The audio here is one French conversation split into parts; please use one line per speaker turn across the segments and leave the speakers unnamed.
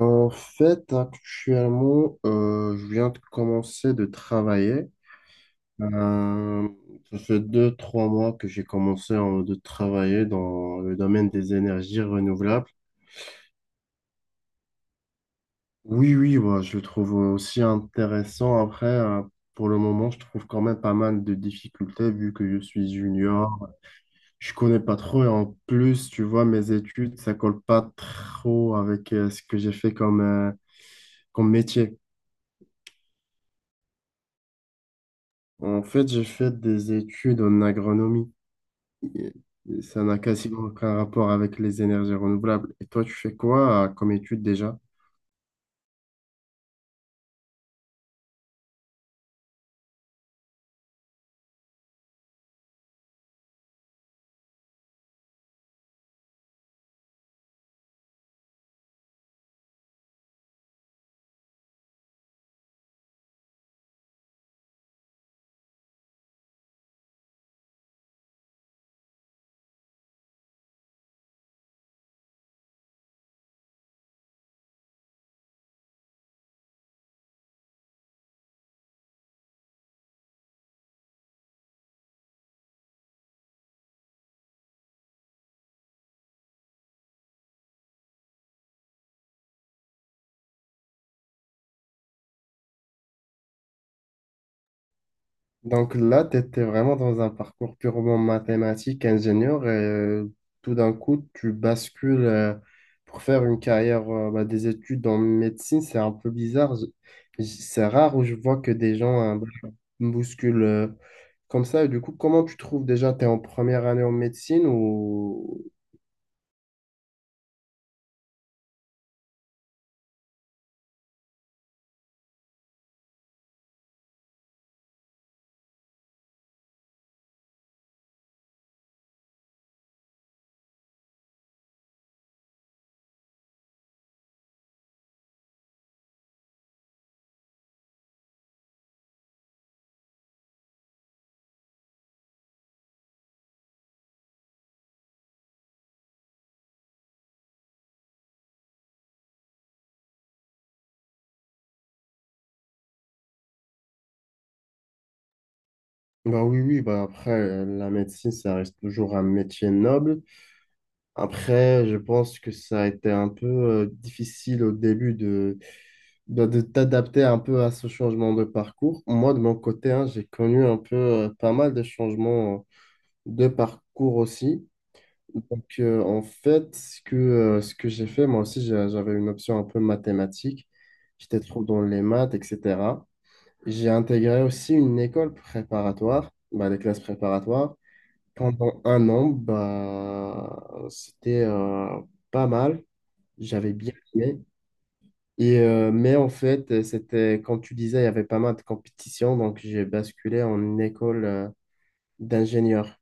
En fait, actuellement, je viens de commencer de travailler. Euh, Ça fait deux, trois mois que j'ai commencé de travailler dans le domaine des énergies renouvelables. Oui, oui, moi, je le trouve aussi intéressant. Après, pour le moment, je trouve quand même pas mal de difficultés vu que je suis junior. Je connais pas trop et en plus, tu vois, mes études, ça colle pas trop avec ce que j'ai fait comme, comme métier. En fait, j'ai fait des études en agronomie. Et et ça n'a quasiment aucun rapport avec les énergies renouvelables. Et toi, tu fais quoi comme étude déjà? Donc là, tu étais vraiment dans un parcours purement mathématique, ingénieur, et tout d'un coup, tu bascules pour faire une carrière, bah, des études en médecine. C'est un peu bizarre. C'est rare où je vois que des gens, bah, bousculent comme ça. Et du coup, comment tu trouves déjà? Tu es en première année en médecine ou... Bah oui, oui, bah après, la médecine, ça reste toujours un métier noble. Après, je pense que ça a été un peu difficile au début de t'adapter un peu à ce changement de parcours. Moi, de mon côté, hein, j'ai connu un peu, pas mal de changements de parcours aussi. Donc, en fait, ce que j'ai fait, moi aussi, j'avais une option un peu mathématique. J'étais trop dans les maths, etc. J'ai intégré aussi une école préparatoire, bah, des classes préparatoires. Pendant un an, bah, c'était pas mal. J'avais bien aimé. Mais en fait, c'était, comme tu disais, il y avait pas mal de compétitions. Donc, j'ai basculé en une école d'ingénieur.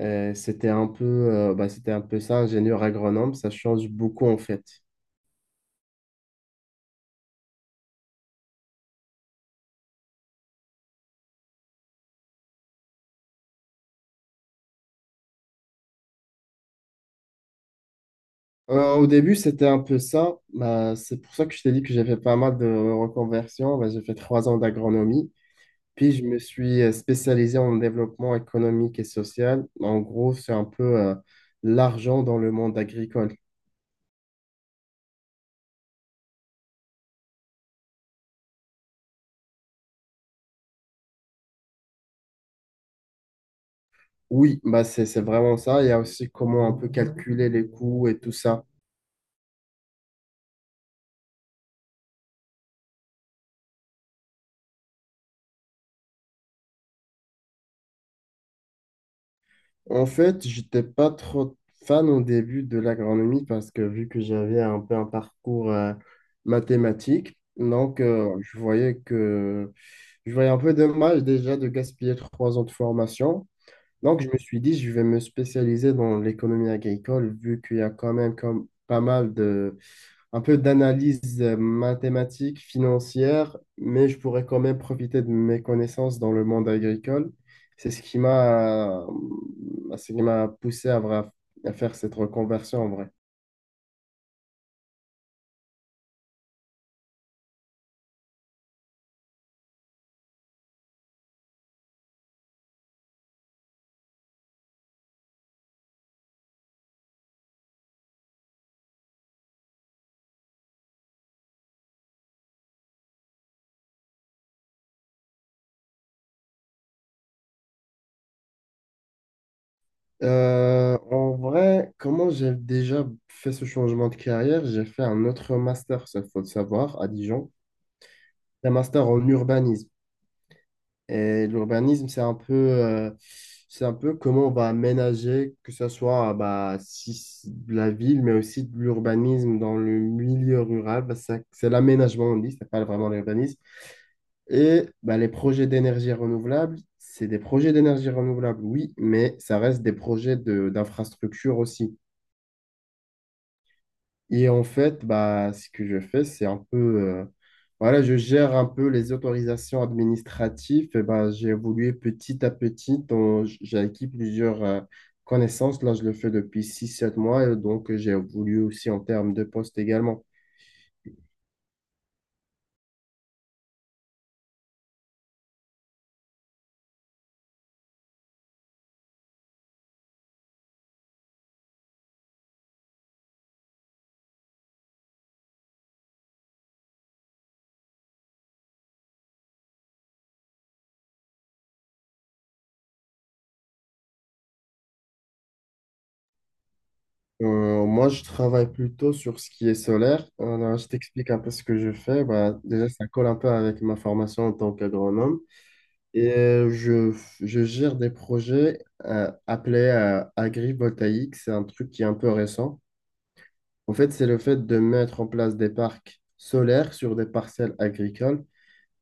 C'était un peu, bah, c'était un peu ça, ingénieur agronome. Ça change beaucoup, en fait. Au début, c'était un peu ça. Bah, c'est pour ça que je t'ai dit que j'ai fait pas mal de reconversions. Bah, j'ai fait trois ans d'agronomie. Puis je me suis spécialisé en développement économique et social. En gros, c'est un peu l'argent dans le monde agricole. Oui, bah c'est vraiment ça. Il y a aussi comment un peu calculer les coûts et tout ça. En fait, j'étais pas trop fan au début de l'agronomie parce que vu que j'avais un peu un parcours mathématique, donc je voyais un peu dommage déjà de gaspiller trois ans de formation. Donc, je me suis dit, je vais me spécialiser dans l'économie agricole, vu qu'il y a quand même comme pas mal de, un peu d'analyse mathématique, financière, mais je pourrais quand même profiter de mes connaissances dans le monde agricole. C'est ce qui m'a poussé à, à faire cette reconversion en vrai. En vrai, comment j'ai déjà fait ce changement de carrière? J'ai fait un autre master, ça faut le savoir, à Dijon, un master en urbanisme. Et l'urbanisme, c'est un peu comment on va aménager, que ce soit bah, si, de la ville, mais aussi de l'urbanisme dans le milieu rural. Bah, c'est l'aménagement, on dit, c'est pas vraiment l'urbanisme. Et bah, les projets d'énergie renouvelable, c'est des projets d'énergie renouvelable, oui, mais ça reste des projets de, d'infrastructure aussi. Et en fait, bah, ce que je fais, c'est un peu, voilà, je gère un peu les autorisations administratives. Et bah, j'ai évolué petit à petit. Donc, j'ai acquis plusieurs connaissances. Là, je le fais depuis six sept mois. Et donc, j'ai évolué aussi en termes de poste également. Moi, je travaille plutôt sur ce qui est solaire. Je t'explique un peu ce que je fais. Bah, déjà, ça colle un peu avec ma formation en tant qu'agronome. Et je gère des projets appelés agrivoltaïques. C'est un truc qui est un peu récent. En fait, c'est le fait de mettre en place des parcs solaires sur des parcelles agricoles,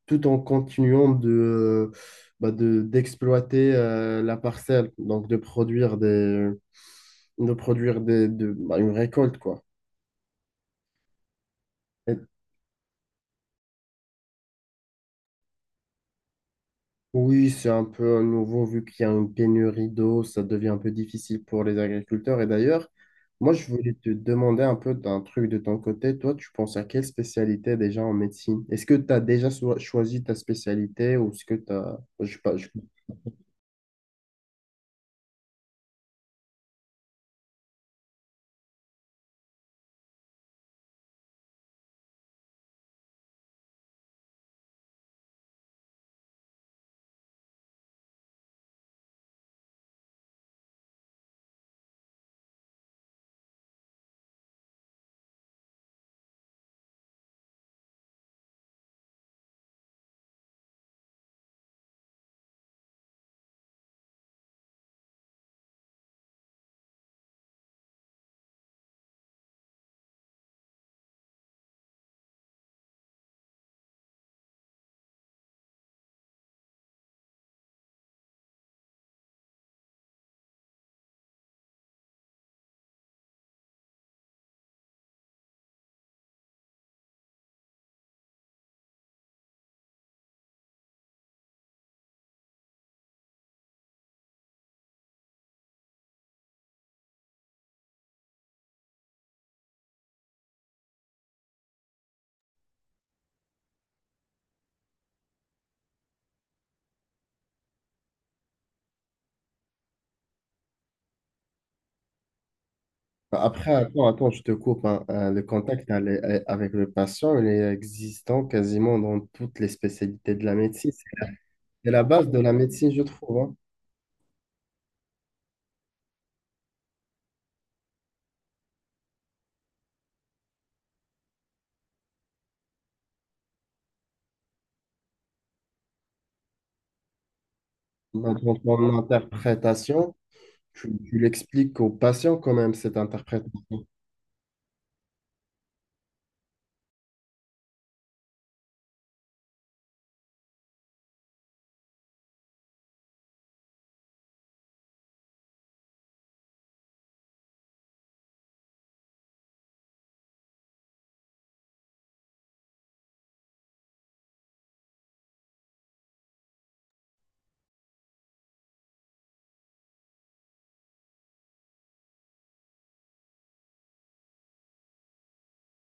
tout en continuant de, bah, d'exploiter la parcelle, donc de produire des, bah, une récolte, quoi. Oui, c'est un peu à nouveau, vu qu'il y a une pénurie d'eau, ça devient un peu difficile pour les agriculteurs. Et d'ailleurs, moi, je voulais te demander un peu d'un truc de ton côté. Toi, tu penses à quelle spécialité déjà en médecine? Est-ce que tu as déjà choisi ta spécialité ou est-ce que tu as... Je sais pas, je-... Après, attends, attends, je te coupe, hein. Le contact avec le patient, il est existant quasiment dans toutes les spécialités de la médecine. C'est la base de la médecine, je trouve, hein. Dans ton interprétation. Tu l'expliques aux patients quand même, cette interprétation.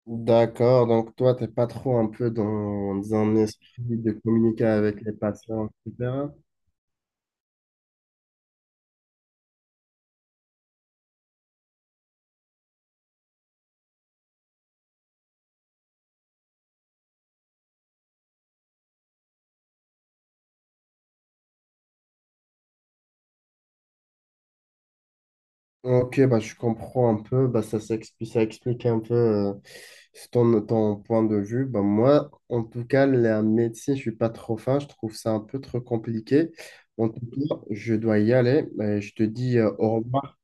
D'accord, donc toi, t'es pas trop un peu dans un esprit de communiquer avec les patients, etc. Ok, bah, je comprends un peu, bah, ça s'explique, ça explique un peu ton point de vue. Bah, moi, en tout cas, la médecine, je suis pas trop fin, je trouve ça un peu trop compliqué. En tout cas, je dois y aller. Je te dis au revoir.